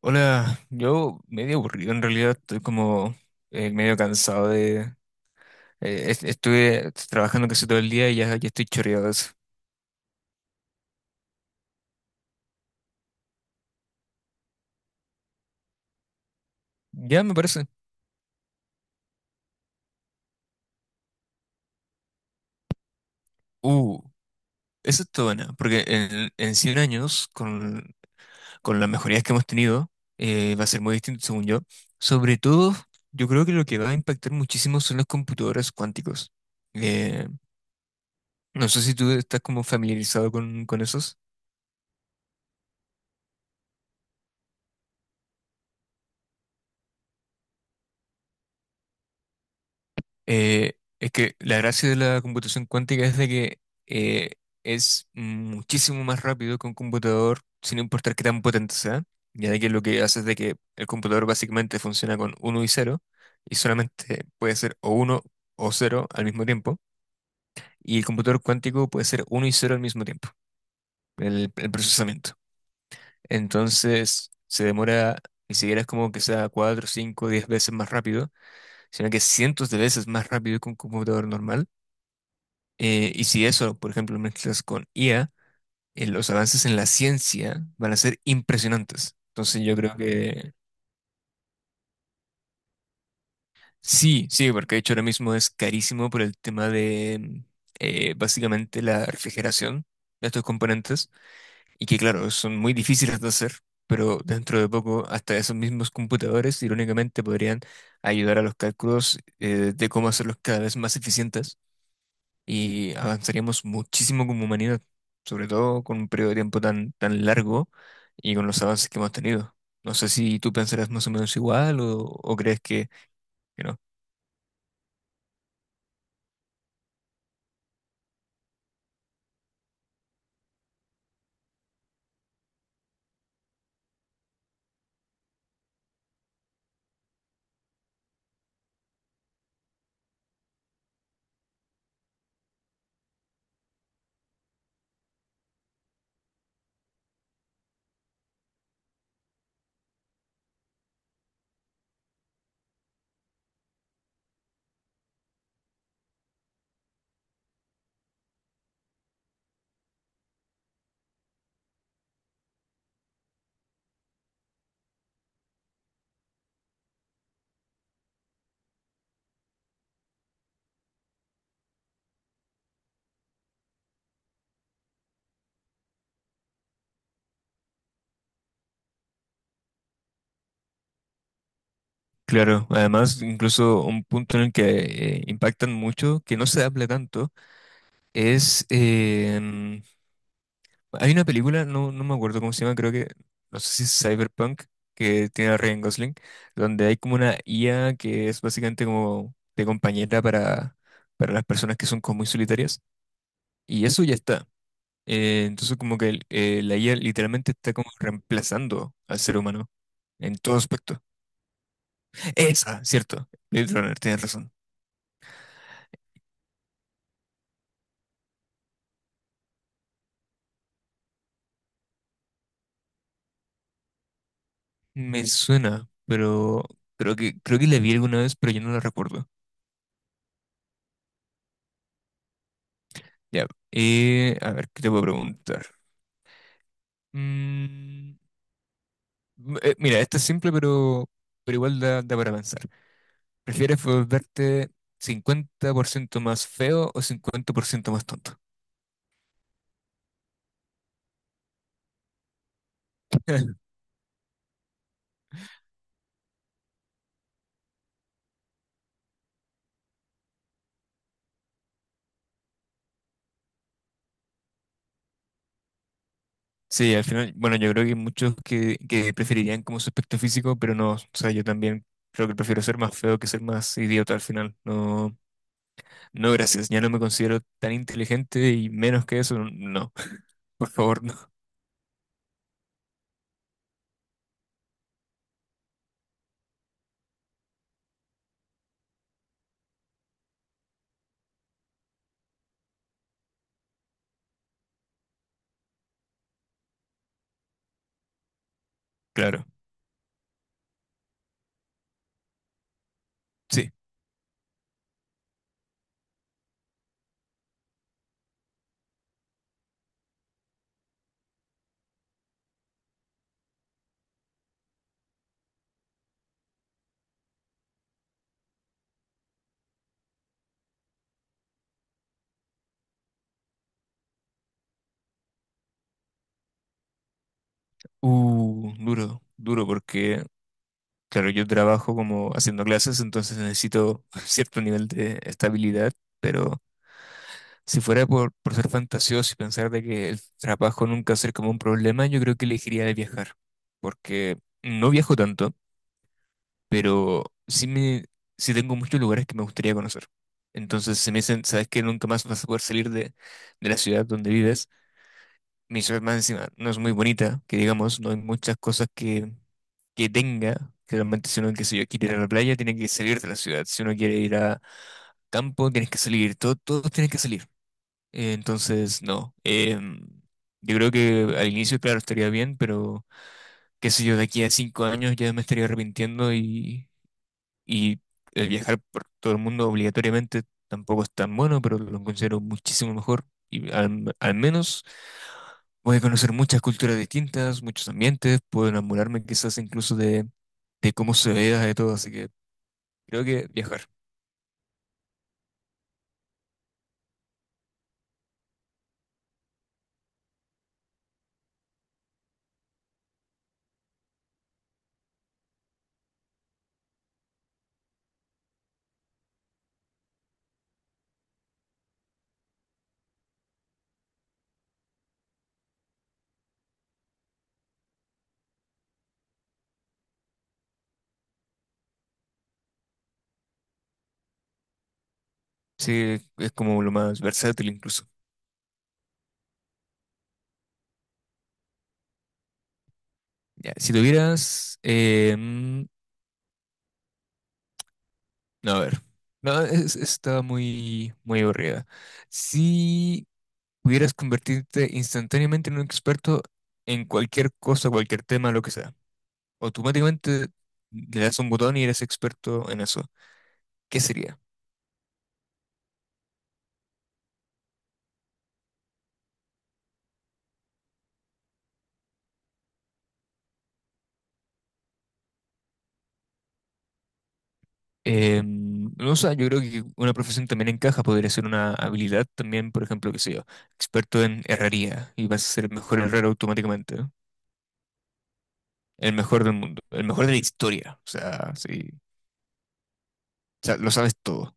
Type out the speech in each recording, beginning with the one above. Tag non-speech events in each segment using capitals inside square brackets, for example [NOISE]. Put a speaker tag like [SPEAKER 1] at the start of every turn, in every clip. [SPEAKER 1] Hola, yo medio aburrido en realidad, estoy como medio cansado de... estuve trabajando casi todo el día y ya estoy choreado de eso. Ya me parece. Uh, Eso está buena, porque en 100 años, con las mejorías que hemos tenido, va a ser muy distinto según yo. Sobre todo, yo creo que lo que va a impactar muchísimo son los computadores cuánticos. Eh, no sé si tú estás como familiarizado con esos. Eh, es que la gracia de la computación cuántica es de que eh, es muchísimo más rápido que un computador, sin importar qué tan potente sea, ya de que lo que hace es de que el computador básicamente funciona con uno y cero y solamente puede ser o uno o cero al mismo tiempo, y el computador cuántico puede ser uno y cero al mismo tiempo, el procesamiento. Entonces se demora, ni siquiera es como que sea 4, 5, 10 veces más rápido, sino que cientos de veces más rápido que un computador normal. Y si eso, por ejemplo, lo mezclas con IA, los avances en la ciencia van a ser impresionantes. Entonces yo creo que sí, sí, porque de hecho ahora mismo es carísimo por el tema de básicamente la refrigeración de estos componentes y que claro, son muy difíciles de hacer, pero dentro de poco hasta esos mismos computadores irónicamente podrían ayudar a los cálculos, de cómo hacerlos cada vez más eficientes y avanzaríamos muchísimo como humanidad, sobre todo con un periodo de tiempo tan, tan largo y con los avances que hemos tenido. No sé si tú pensarás más o menos igual o crees que no. Claro, además, incluso un punto en el que impactan mucho, que no se habla tanto, es em, hay una película, no me acuerdo cómo se llama, creo que, no sé si es Cyberpunk, que tiene a Ryan Gosling, donde hay como una IA que es básicamente como de compañera para las personas que son como muy solitarias. Y eso ya está. Entonces como que la IA literalmente está como reemplazando al ser humano en todo aspecto. Esa, cierto. Blade Runner, tienes razón. Me suena, pero creo que la vi alguna vez, pero yo no la recuerdo. Ya, a ver, ¿qué te puedo preguntar? Mm, Mira, esto es simple, pero igual da para pensar. ¿Prefieres volverte 50% más feo o 50% más tonto? [LAUGHS] Sí, al final, bueno, yo creo que hay muchos que preferirían como su aspecto físico, pero no, o sea, yo también creo que prefiero ser más feo que ser más idiota al final. No, no, gracias, ya no me considero tan inteligente y menos que eso, no, [LAUGHS] por favor, no. Claro, sí. Duro, duro, porque claro, yo trabajo como haciendo clases, entonces necesito [LAUGHS] cierto nivel de estabilidad, pero si fuera por ser fantasioso y pensar de que el trabajo nunca va a ser como un problema, yo creo que elegiría de viajar, porque no viajo tanto, pero sí, sí tengo muchos lugares que me gustaría conocer. Entonces, se me dicen, ¿sabes que nunca más vas a poder salir de la ciudad donde vives? Mi ciudad más encima no es muy bonita, que digamos, no hay muchas cosas que tenga. Realmente si uno, qué sé yo, quiere ir a la playa, tiene que salir de la ciudad. Si uno quiere ir a campo, tienes que salir. Todos tienen que salir. Entonces, no. Yo creo que al inicio, claro, estaría bien, pero qué sé yo, de aquí a 5 años ya me estaría arrepintiendo y y el viajar por todo el mundo obligatoriamente tampoco es tan bueno, pero lo considero muchísimo mejor. Y al menos voy a conocer muchas culturas distintas, muchos ambientes, puedo enamorarme quizás incluso de cómo se vea de todo. Así que creo que viajar, sí, es como lo más versátil incluso. Ya, si tuvieras, no, a ver. No, estaba muy, muy aburrida. Sí. Pudieras convertirte instantáneamente en un experto en cualquier cosa, cualquier tema, lo que sea. Automáticamente le das un botón y eres experto en eso. ¿Qué sería? No sé, yo creo que una profesión también encaja, podría ser una habilidad también, por ejemplo, qué sé yo, experto en herrería y vas a ser el mejor herrero automáticamente, ¿no? El mejor del mundo, el mejor de la historia, o sea, sí, o sea, lo sabes todo,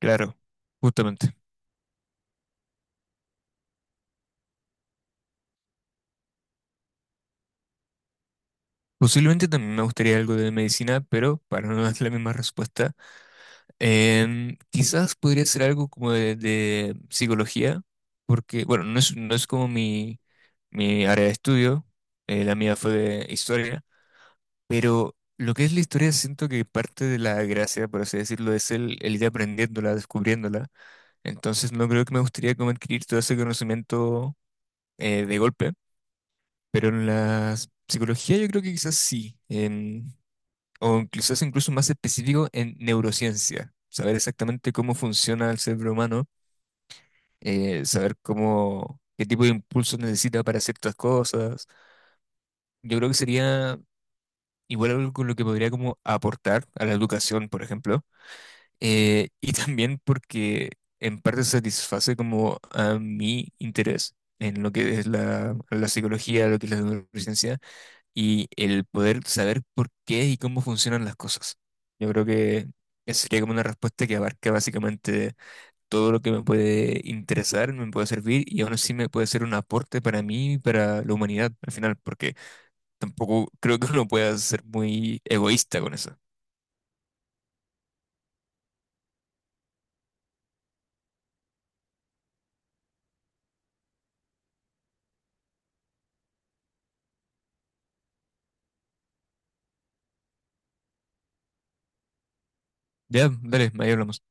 [SPEAKER 1] claro, justamente. Posiblemente también me gustaría algo de medicina, pero para no dar la misma respuesta, quizás podría ser algo como de psicología, porque, bueno, no es como mi área de estudio, la mía fue de historia, pero lo que es la historia siento que parte de la gracia, por así decirlo, es el ir aprendiéndola, descubriéndola. Entonces no creo que me gustaría como adquirir todo ese conocimiento, de golpe, pero en la psicología yo creo que quizás sí. O incluso es incluso más específico en neurociencia, saber exactamente cómo funciona el cerebro humano, saber cómo, qué tipo de impulsos necesita para ciertas cosas. Yo creo que sería igual algo con lo que podría como aportar a la educación, por ejemplo, [LAUGHS] y también porque en parte satisface como a mi interés en lo que es la psicología, lo que es la neurociencia y el poder saber por qué y cómo funcionan las cosas. Yo creo que esa sería como una respuesta que abarca básicamente todo lo que me puede interesar, me puede servir y aún así me puede ser un aporte para mí y para la humanidad al final, porque tampoco creo que uno pueda ser muy egoísta con eso. Ya, dale, ahí hablamos.